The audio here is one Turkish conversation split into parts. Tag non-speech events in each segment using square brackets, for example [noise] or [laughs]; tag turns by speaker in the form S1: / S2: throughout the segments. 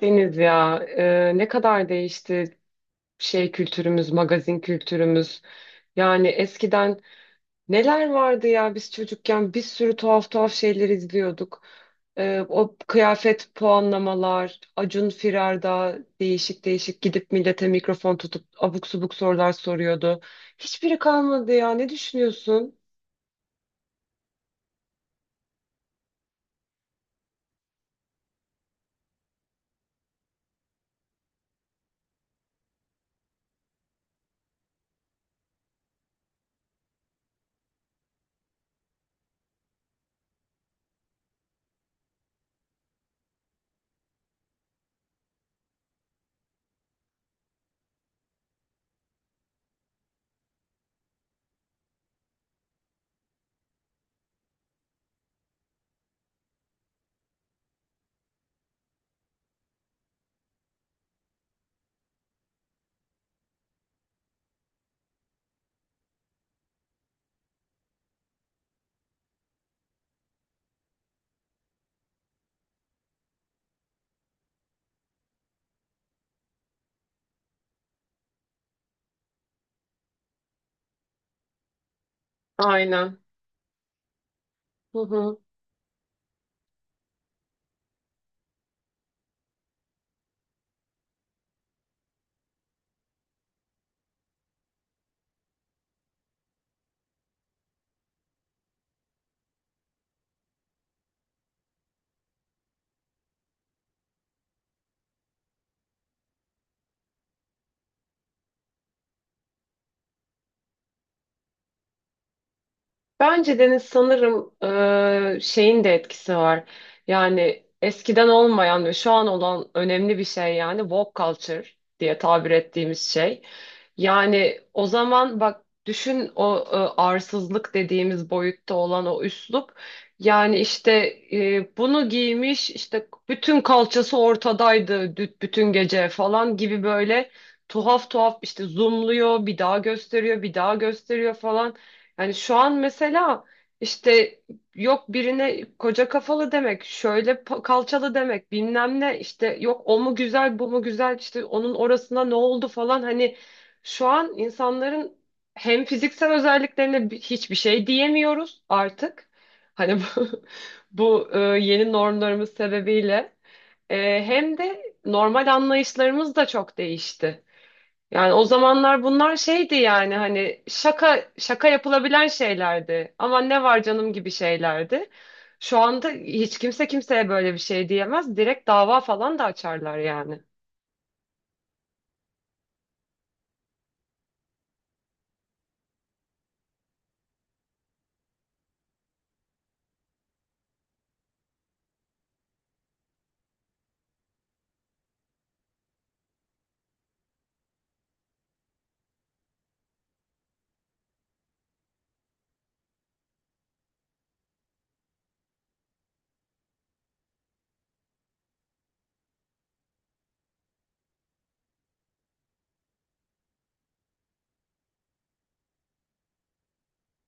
S1: Deniz ya, ne kadar değişti şey kültürümüz, magazin kültürümüz. Yani eskiden neler vardı ya, biz çocukken bir sürü tuhaf tuhaf şeyler izliyorduk. O kıyafet puanlamalar, Acun Firarda değişik değişik gidip millete mikrofon tutup abuk subuk sorular soruyordu. Hiçbiri kalmadı ya, ne düşünüyorsun? Aynen. Hı hı. Bence Deniz sanırım şeyin de etkisi var. Yani eskiden olmayan ve şu an olan önemli bir şey, yani woke culture diye tabir ettiğimiz şey. Yani o zaman bak düşün, o arsızlık dediğimiz boyutta olan o üslup. Yani işte bunu giymiş, işte bütün kalçası ortadaydı, bütün gece falan gibi böyle tuhaf tuhaf işte zoomluyor, bir daha gösteriyor, bir daha gösteriyor falan. Yani şu an mesela işte yok birine koca kafalı demek, şöyle kalçalı demek, bilmem ne, işte yok o mu güzel bu mu güzel, işte onun orasına ne oldu falan, hani şu an insanların hem fiziksel özelliklerine hiçbir şey diyemiyoruz artık. Hani bu, [laughs] bu yeni normlarımız sebebiyle. Hem de normal anlayışlarımız da çok değişti. Yani o zamanlar bunlar şeydi, yani hani şaka şaka yapılabilen şeylerdi. Ama ne var canım gibi şeylerdi. Şu anda hiç kimse kimseye böyle bir şey diyemez. Direkt dava falan da açarlar yani.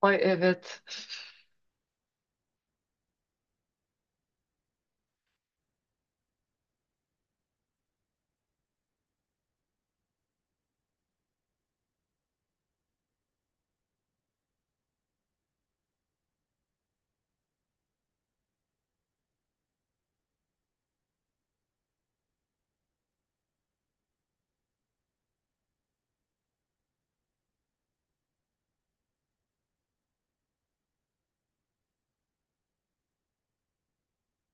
S1: Ay, evet.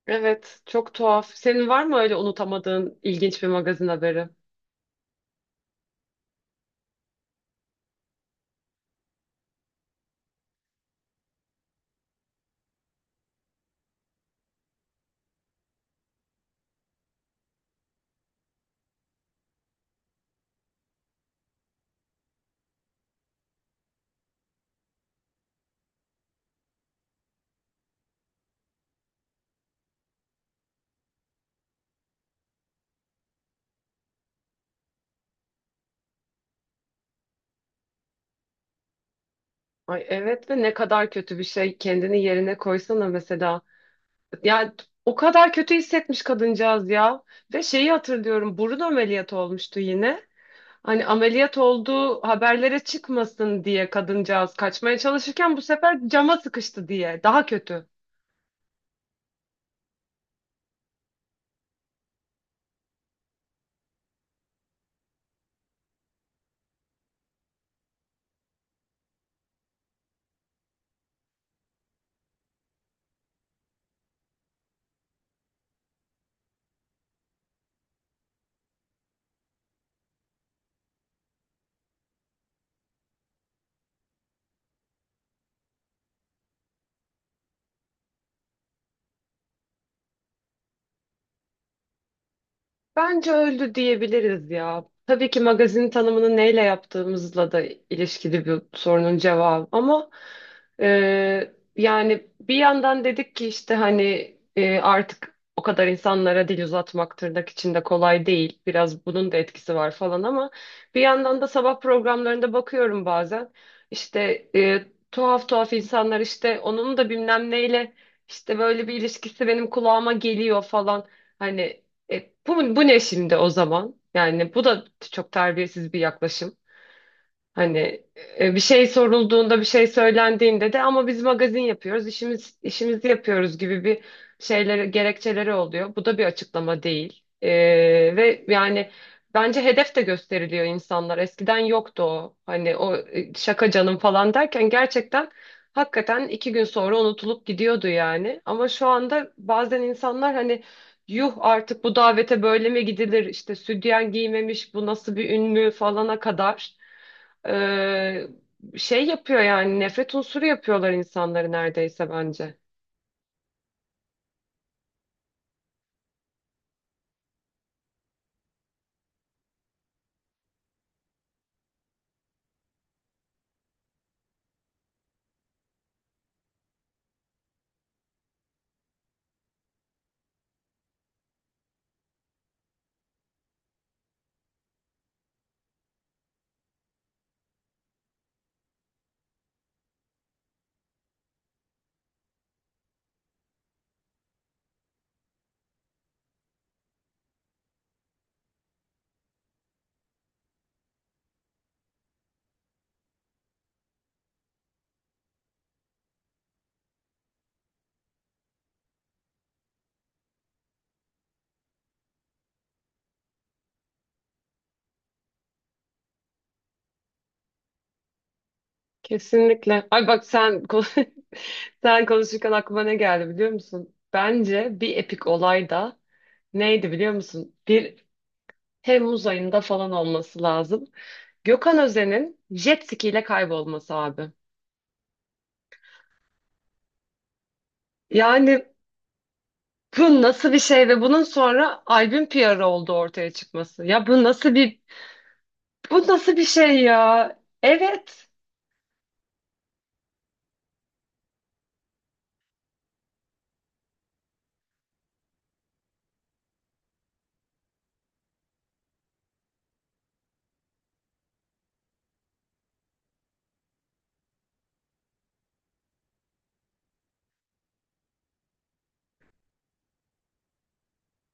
S1: Evet, çok tuhaf. Senin var mı öyle unutamadığın ilginç bir magazin haberi? Ay evet, ve ne kadar kötü bir şey. Kendini yerine koysana mesela. Yani o kadar kötü hissetmiş kadıncağız ya. Ve şeyi hatırlıyorum. Burun ameliyatı olmuştu yine. Hani ameliyat olduğu haberlere çıkmasın diye kadıncağız kaçmaya çalışırken bu sefer cama sıkıştı diye. Daha kötü. Bence öldü diyebiliriz ya. Tabii ki magazin tanımını neyle yaptığımızla da ilişkili bir sorunun cevabı. Ama yani bir yandan dedik ki işte hani artık o kadar insanlara dil uzatmak tırnak içinde kolay değil. Biraz bunun da etkisi var falan, ama bir yandan da sabah programlarında bakıyorum bazen. İşte e, tuhaf tuhaf insanlar, işte onun da bilmem neyle işte böyle bir ilişkisi benim kulağıma geliyor falan. Hani bu ne şimdi o zaman? Yani bu da çok terbiyesiz bir yaklaşım. Hani bir şey sorulduğunda, bir şey söylendiğinde de ama biz magazin yapıyoruz, işimizi yapıyoruz gibi bir şeyleri, gerekçeleri oluyor. Bu da bir açıklama değil. Ve yani bence hedef de gösteriliyor insanlar. Eskiden yoktu o. Hani o şaka canım falan derken gerçekten hakikaten iki gün sonra unutulup gidiyordu yani. Ama şu anda bazen insanlar hani yuh artık bu davete böyle mi gidilir? İşte sütyen giymemiş, bu nasıl bir ün mü falana kadar. Ee, Şey yapıyor yani, nefret unsuru yapıyorlar insanları neredeyse bence. Kesinlikle. Ay bak, [laughs] sen konuşurken aklıma ne geldi biliyor musun? Bence bir epik olay da neydi biliyor musun? Bir Temmuz ayında falan olması lazım. Gökhan Özen'in jet ski ile kaybolması abi. Yani bu nasıl bir şey, ve bunun sonra albüm PR'ı oldu ortaya çıkması. Ya bu nasıl bir, bu nasıl bir şey ya? Evet.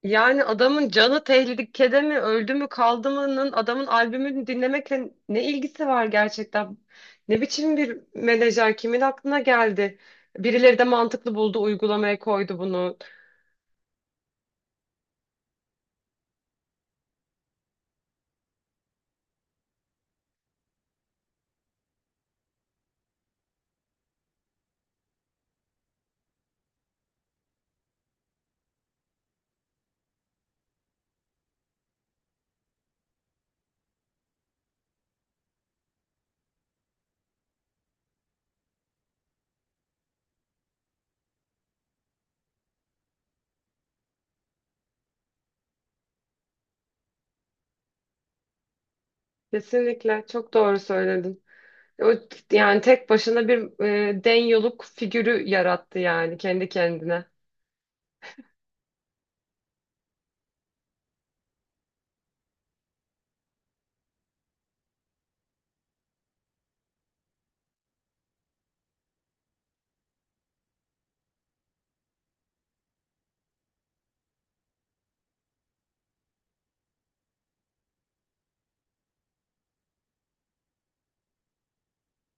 S1: Yani adamın canı tehlikede mi, öldü mü, kaldı mı'nın adamın albümünü dinlemekle ne ilgisi var gerçekten? Ne biçim bir menajer, kimin aklına geldi? Birileri de mantıklı buldu, uygulamaya koydu bunu. Kesinlikle çok doğru söyledin. O, yani tek başına bir den yoluk figürü yarattı yani kendi kendine.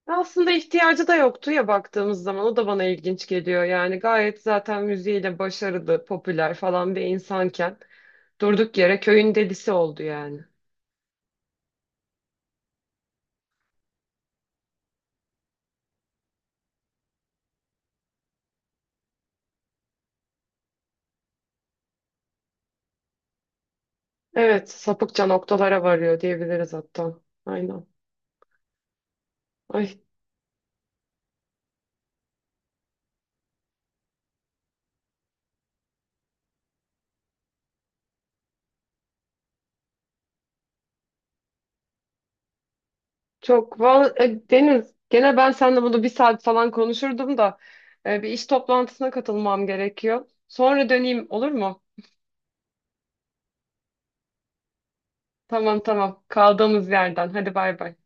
S1: Aslında ihtiyacı da yoktu ya, baktığımız zaman o da bana ilginç geliyor. Yani gayet zaten müziğiyle başarılı, popüler falan bir insanken durduk yere köyün delisi oldu yani. Evet, sapıkça noktalara varıyor diyebiliriz hatta. Aynen. Ay, çok. Deniz, gene ben seninle bunu bir saat falan konuşurdum da bir iş toplantısına katılmam gerekiyor. Sonra döneyim olur mu? Tamam tamam. Kaldığımız yerden. Hadi bay bay.